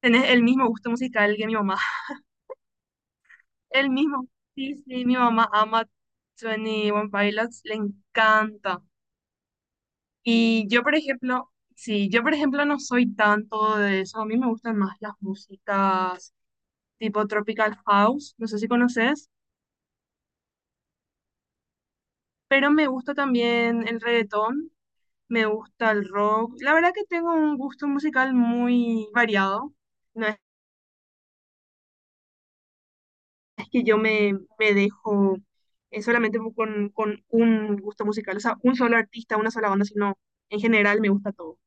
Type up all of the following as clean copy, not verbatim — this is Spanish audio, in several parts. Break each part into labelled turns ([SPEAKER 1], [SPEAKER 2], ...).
[SPEAKER 1] Tenés el mismo gusto musical que mi mamá. El mismo. Sí, sí, mi mamá ama Twenty One Pilots, le encanta. Y yo, por ejemplo, sí, yo, por ejemplo, no soy tanto de eso. A mí me gustan más las músicas tipo Tropical House, no sé si conoces, pero me gusta también el reggaetón, me gusta el rock. La verdad que tengo un gusto musical muy variado. No es que yo me dejo solamente con un gusto musical, o sea, un solo artista, una sola banda, sino en general me gusta todo.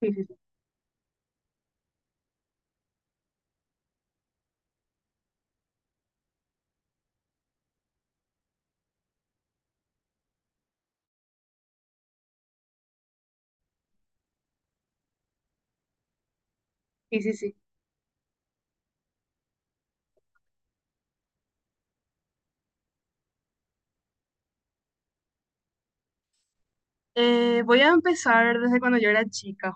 [SPEAKER 1] Sí, sí, sí. Sí, sí, sí. Voy a empezar desde cuando yo era chica.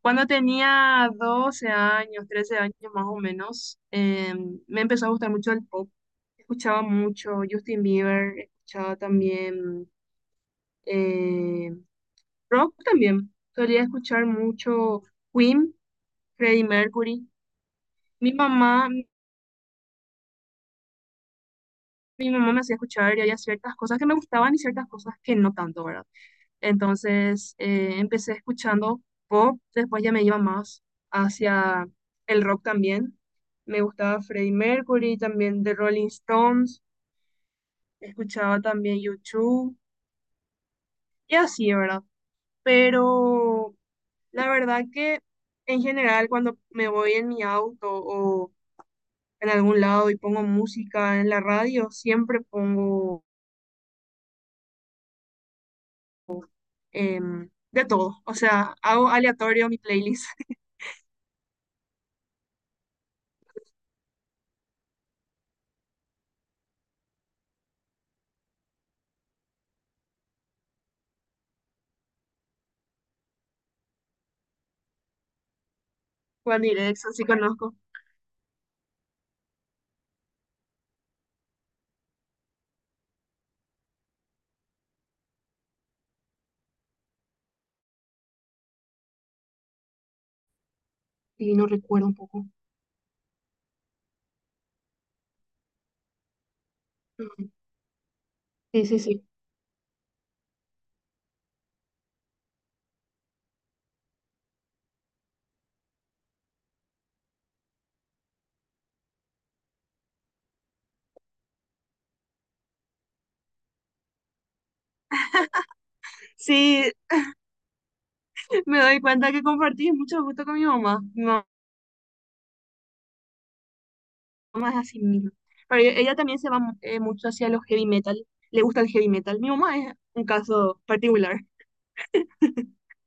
[SPEAKER 1] Cuando tenía 12 años, 13 años más o menos, me empezó a gustar mucho el pop. Escuchaba mucho Justin Bieber, escuchaba también eh, rock también. Solía escuchar mucho Queen, Freddie Mercury. Mi mamá, mi mamá me hacía escuchar y había ciertas cosas que me gustaban y ciertas cosas que no tanto, ¿verdad? Entonces empecé escuchando pop, después ya me iba más hacia el rock también. Me gustaba Freddie Mercury, también The Rolling Stones, escuchaba también YouTube y así, ¿verdad? Pero la verdad que en general cuando me voy en mi auto o en algún lado y pongo música en la radio, siempre pongo de todo. O sea, hago aleatorio mi playlist. Juan Directs, así conozco. Y no recuerdo un poco. Ujú. Sí, sí, sí. Sí, me doy cuenta que compartí mucho gusto con mi mamá. Mi mamá es así mismo. Pero ella también se va mucho hacia los heavy metal. Le gusta el heavy metal. Mi mamá es un caso particular.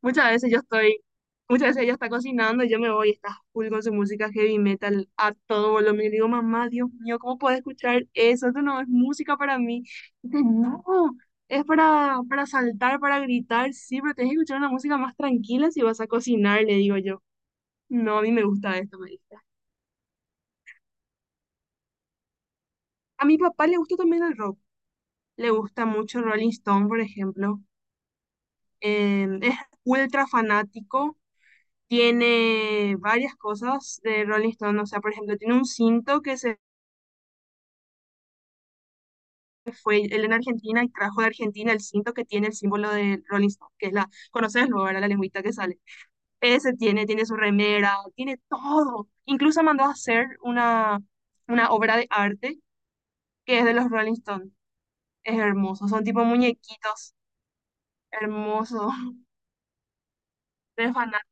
[SPEAKER 1] Muchas veces yo estoy, muchas veces ella está cocinando y yo me voy y está full con su música heavy metal a todo volumen. Y digo, mamá, Dios mío, ¿cómo puedo escuchar eso? Eso no es música para mí. Dice, no, es para saltar, para gritar, sí, pero tienes que escuchar una música más tranquila si vas a cocinar, le digo yo. No, a mí me gusta esto, me dice. A mi papá le gusta también el rock. Le gusta mucho Rolling Stone, por ejemplo. Es ultra fanático, tiene varias cosas de Rolling Stone, o sea, por ejemplo, tiene un cinto que se fue él en Argentina y trajo de Argentina el cinto que tiene el símbolo de Rolling Stone, que es la, conoces luego, era la lengüita que sale. Ese tiene su remera, tiene todo. Incluso mandó a hacer una obra de arte que es de los Rolling Stone. Es hermoso, son tipo muñequitos, hermoso, de fanático.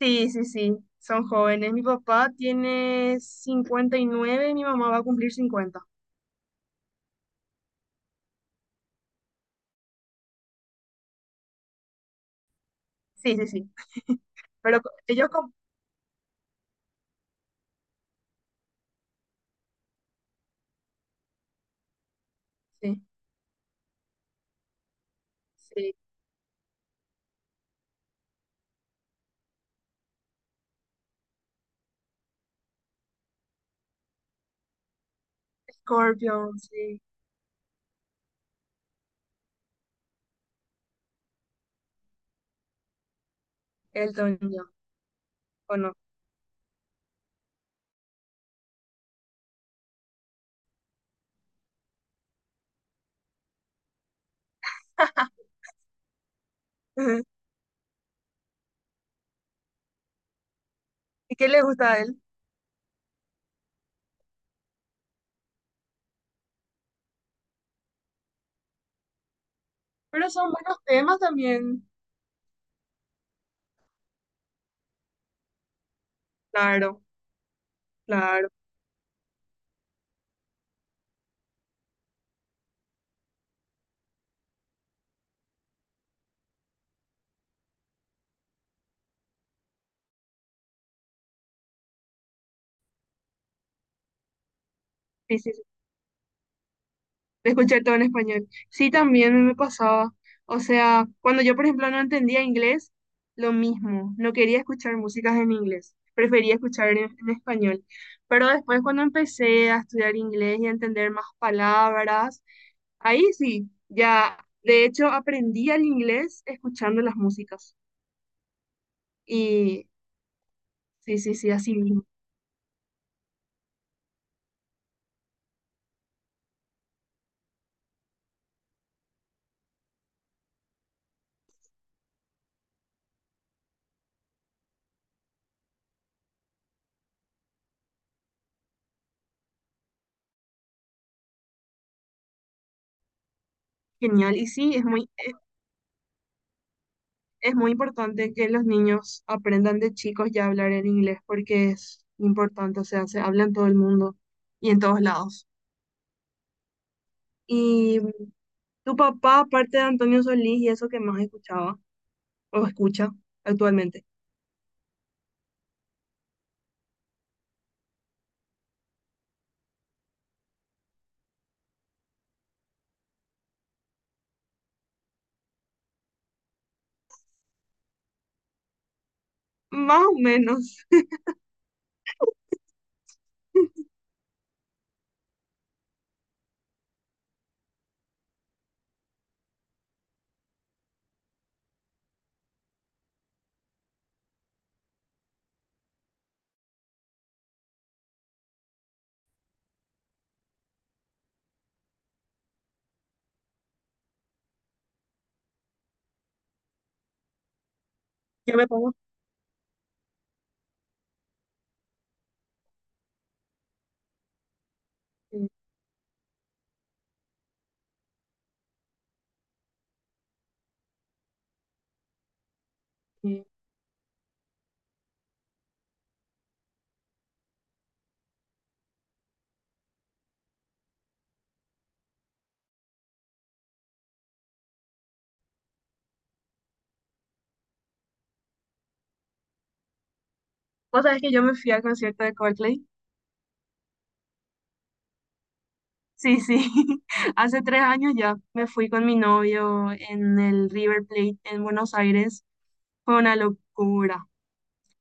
[SPEAKER 1] Sí, sí, sí, son jóvenes. Mi papá tiene 59, mi mamá va a cumplir 50. Sí, sí, sí. Pero ellos como, sí, sí, Scorpion, sí, Elton John, ¿o no? Ujú. ¿Y qué le gusta a él? Pero son buenos temas también. Claro, claro. Sí, sí, sí. De escuchar todo en español. Sí, también me pasaba. O sea, cuando yo, por ejemplo, no entendía inglés, lo mismo. No quería escuchar músicas en inglés. Prefería escuchar en español. Pero después, cuando empecé a estudiar inglés y a entender más palabras, ahí sí, ya, de hecho aprendí el inglés escuchando las músicas. Y sí, sí, sí, así mismo. Genial. Y sí, es muy importante que los niños aprendan de chicos ya a hablar el inglés porque es importante, o sea, se habla en todo el mundo y en todos lados. ¿Y tu papá, aparte de Antonio Solís y eso que más escuchaba o escucha actualmente? Más o menos. Yo me pongo... eh, eh, Vos sabés que yo me fui al concierto de Coldplay. Sí, sí. Hace 3 años ya me fui con mi novio en el River Plate en Buenos Aires. Fue una locura.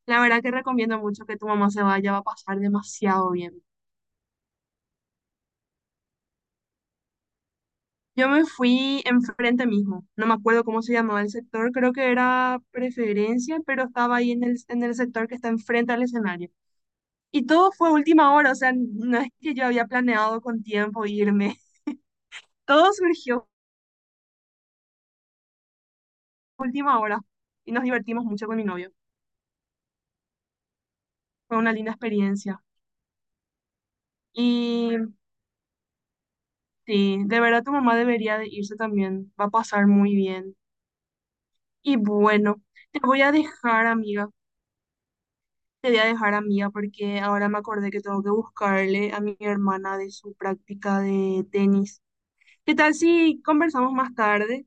[SPEAKER 1] La verdad que recomiendo mucho que tu mamá se vaya, va a pasar demasiado bien. Yo me fui enfrente mismo. No me acuerdo cómo se llamaba el sector, creo que era Preferencia, pero estaba ahí en el sector que está enfrente al escenario. Y todo fue a última hora, o sea, no es que yo había planeado con tiempo irme. Todo surgió a última hora y nos divertimos mucho con mi novio. Fue una linda experiencia. Y sí, de verdad tu mamá debería de irse también, va a pasar muy bien. Y bueno, te voy a dejar, amiga, te voy a dejar, amiga, porque ahora me acordé que tengo que buscarle a mi hermana de su práctica de tenis. ¿Qué tal si conversamos más tarde?